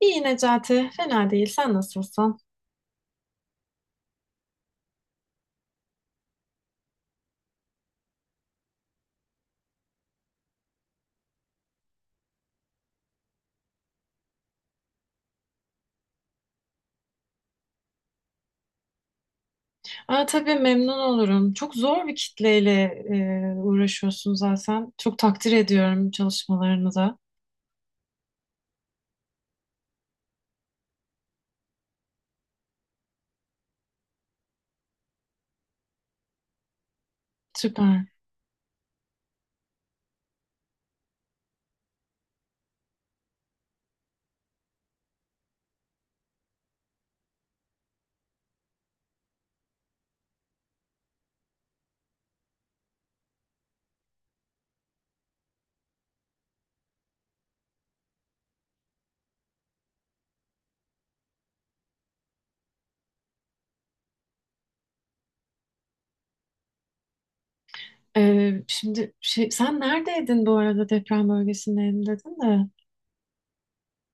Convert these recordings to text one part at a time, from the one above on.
İyi Necati, fena değil. Sen nasılsın? Aa, tabii memnun olurum. Çok zor bir kitleyle uğraşıyorsun zaten. Çok takdir ediyorum çalışmalarını da. Süper. Şimdi sen neredeydin bu arada deprem bölgesindeyim dedin de.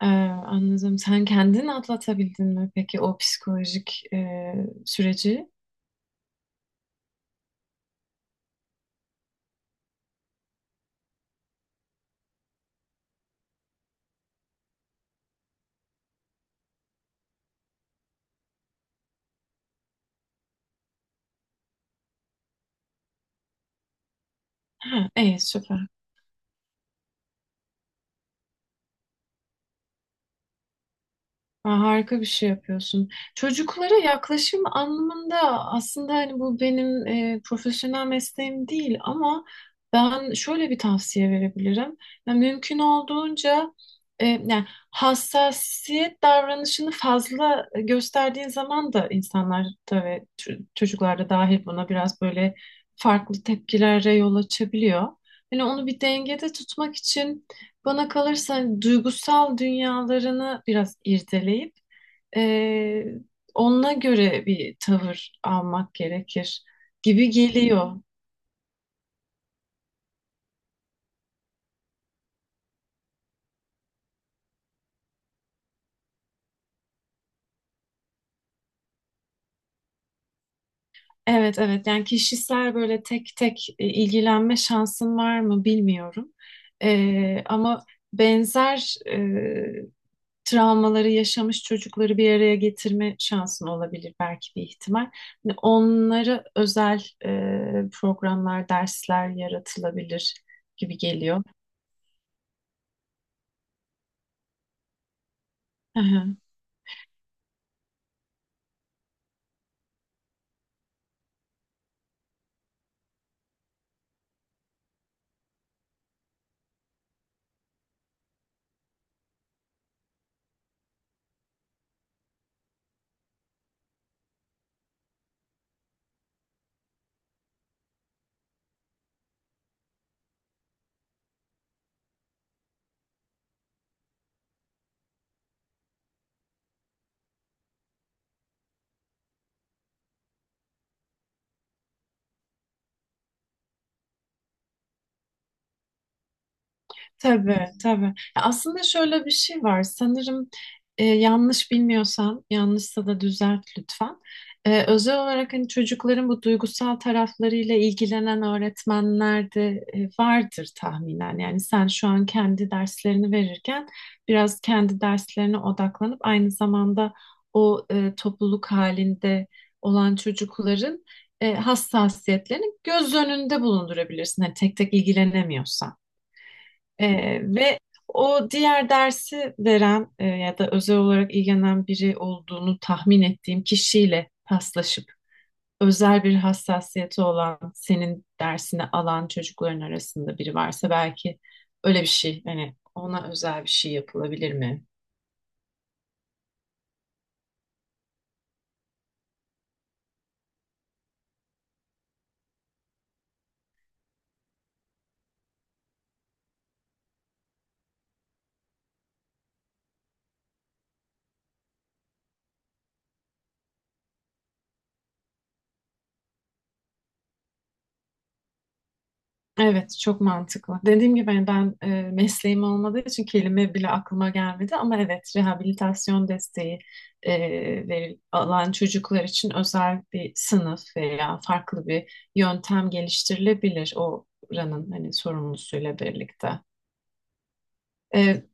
Ee, Anladım. Sen kendin atlatabildin mi peki o psikolojik süreci? Ha, iyi süper. Ha, harika bir şey yapıyorsun. Çocuklara yaklaşım anlamında aslında hani bu benim profesyonel mesleğim değil ama ben şöyle bir tavsiye verebilirim. Yani mümkün olduğunca yani hassasiyet davranışını fazla gösterdiğin zaman da insanlar da ve çocuklar da dahil buna biraz böyle farklı tepkilere yol açabiliyor. Yani onu bir dengede tutmak için bana kalırsa hani, duygusal dünyalarını biraz irdeleyip eee onunla göre bir tavır almak gerekir gibi geliyor. Evet evet, yani kişisel böyle tek tek ilgilenme şansım var mı bilmiyorum. Ama benzer travmaları yaşamış çocukları bir araya getirme şansın olabilir belki bir ihtimal. Hani onları özel programlar, dersler yaratılabilir gibi geliyor. Tabii, tabii. Ya aslında şöyle bir şey var. Sanırım yanlış bilmiyorsam, yanlışsa da düzelt lütfen. Özel olarak hani çocukların bu duygusal taraflarıyla ilgilenen öğretmenler de vardır tahminen. Yani sen şu an kendi derslerini verirken biraz kendi derslerine odaklanıp aynı zamanda o topluluk halinde olan çocukların hassasiyetlerini göz önünde bulundurabilirsin. Hani tek tek ilgilenemiyorsan. Ve o diğer dersi veren ya da özel olarak ilgilenen biri olduğunu tahmin ettiğim kişiyle paslaşıp özel bir hassasiyeti olan senin dersini alan çocukların arasında biri varsa belki öyle bir şey hani ona özel bir şey yapılabilir mi? Evet, çok mantıklı. Dediğim gibi hani ben mesleğim olmadığı için kelime bile aklıma gelmedi ama evet rehabilitasyon desteği e, alan çocuklar için özel bir sınıf veya farklı bir yöntem geliştirilebilir oranın hani sorumlusuyla birlikte. E,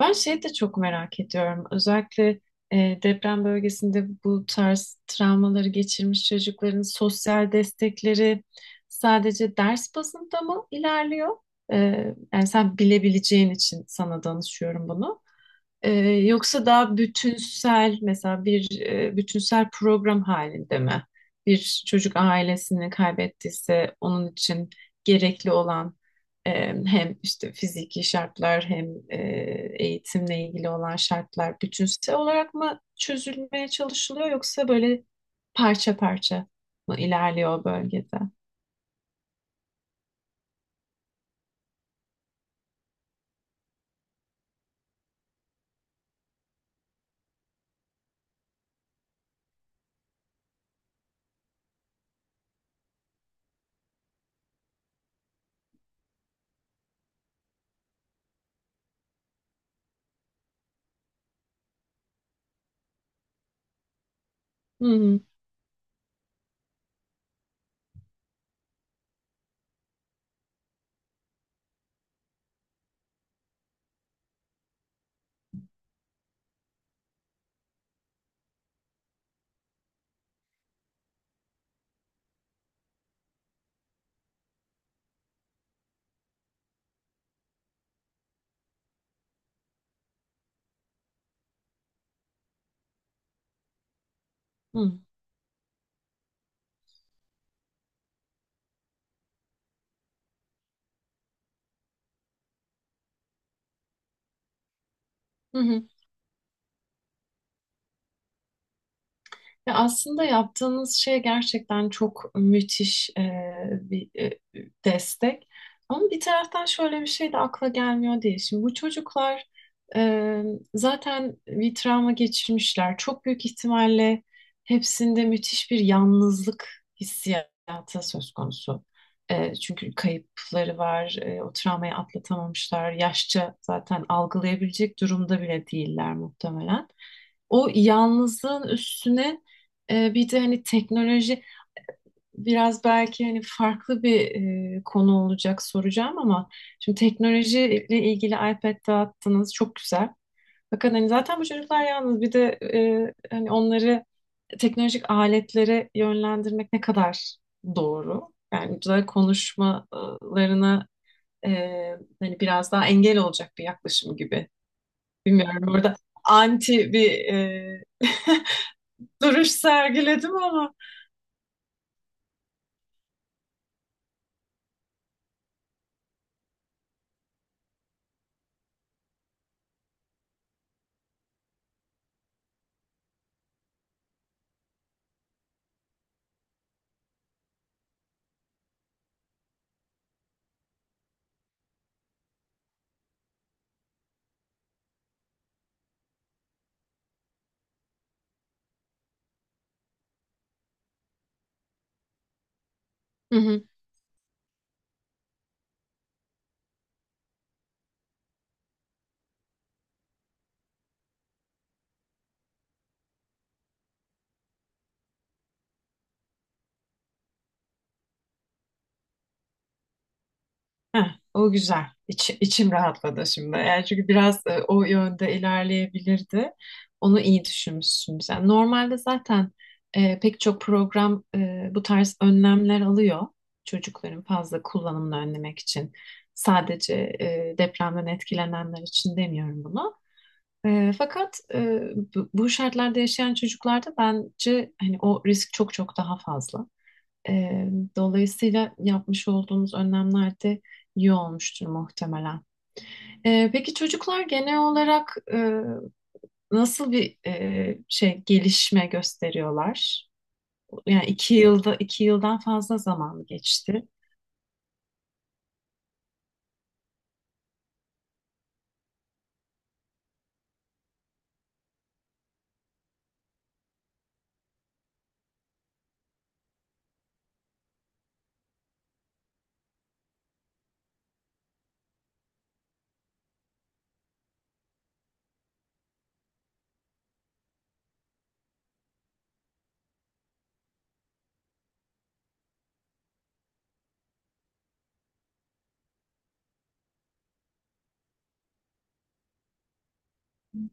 Ben şeyi de çok merak ediyorum. Özellikle deprem bölgesinde bu tarz travmaları geçirmiş çocukların sosyal destekleri sadece ders bazında mı ilerliyor? E, Yani sen bilebileceğin için sana danışıyorum bunu. Ee, Yoksa daha bütünsel mesela bir bütünsel program halinde mi? Bir çocuk ailesini kaybettiyse onun için gerekli olan e, hem işte fiziki şartlar hem eğitimle ilgili olan şartlar bütünsel olarak mı çözülmeye çalışılıyor yoksa böyle parça parça? Bu ilerliyor o bölgede. Hı hı. Hı hı. Hı. Ya aslında yaptığınız şey gerçekten çok müthiş bir destek. Ama bir taraftan şöyle bir şey de akla gelmiyor değil. Şimdi bu çocuklar e, zaten bir travma geçirmişler. Çok büyük ihtimalle hepsinde müthiş bir yalnızlık hissiyatı söz konusu. E, çünkü kayıpları var, o travmayı atlatamamışlar. Yaşça zaten algılayabilecek durumda bile değiller muhtemelen. O yalnızlığın üstüne bir de hani teknoloji biraz belki hani farklı bir konu olacak soracağım ama şimdi teknolojiyle ilgili iPad dağıttınız çok güzel. Fakat hani zaten bu çocuklar yalnız bir de hani onları teknolojik aletlere yönlendirmek ne kadar doğru? Yani güzel konuşmalarına e, hani biraz daha engel olacak bir yaklaşım gibi. Bilmiyorum burada anti bir duruş sergiledim ama. Heh, o güzel. İçim rahatladı şimdi. Yani çünkü biraz o yönde ilerleyebilirdi. Onu iyi düşünmüşsün sen. Normalde zaten pek çok program bu tarz önlemler alıyor. Çocukların fazla kullanımını önlemek için. Sadece depremden etkilenenler için demiyorum bunu. Fakat bu şartlarda yaşayan çocuklarda bence hani o risk çok çok daha fazla. Ee, Dolayısıyla yapmış olduğumuz önlemler de iyi olmuştur muhtemelen. Peki çocuklar genel olarak nasıl bir şey gelişme gösteriyorlar? Yani 2 yılda, 2 yıldan fazla zaman geçti.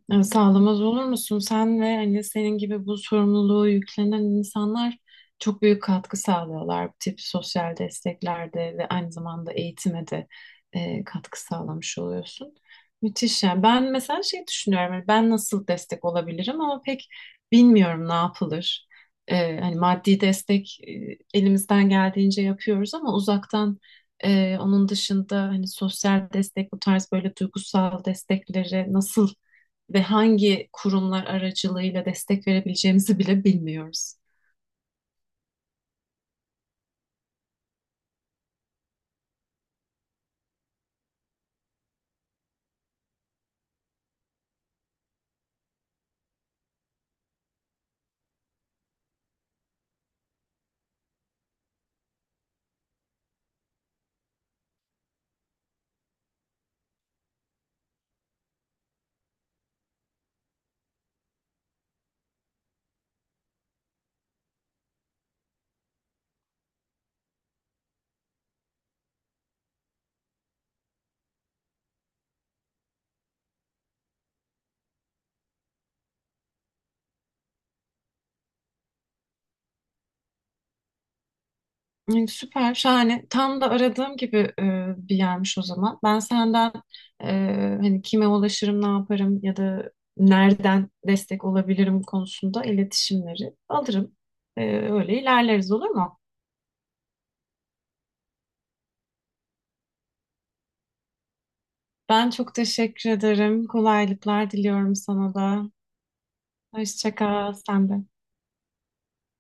Ya sağlamaz olur musun? Sen ve hani senin gibi bu sorumluluğu yüklenen insanlar çok büyük katkı sağlıyorlar. Bu tip sosyal desteklerde ve aynı zamanda eğitime de katkı sağlamış oluyorsun. Müthiş yani. Ben mesela şey düşünüyorum. Hani ben nasıl destek olabilirim ama pek bilmiyorum ne yapılır. Hani maddi destek elimizden geldiğince yapıyoruz ama uzaktan onun dışında hani sosyal destek bu tarz böyle duygusal destekleri nasıl ve hangi kurumlar aracılığıyla destek verebileceğimizi bile bilmiyoruz. Yani süper, şahane. Tam da aradığım gibi bir yermiş o zaman. Ben senden e, hani kime ulaşırım, ne yaparım ya da nereden destek olabilirim konusunda iletişimleri alırım. Öyle ilerleriz olur mu? Ben çok teşekkür ederim. Kolaylıklar diliyorum sana da. Hoşça kal, sen de.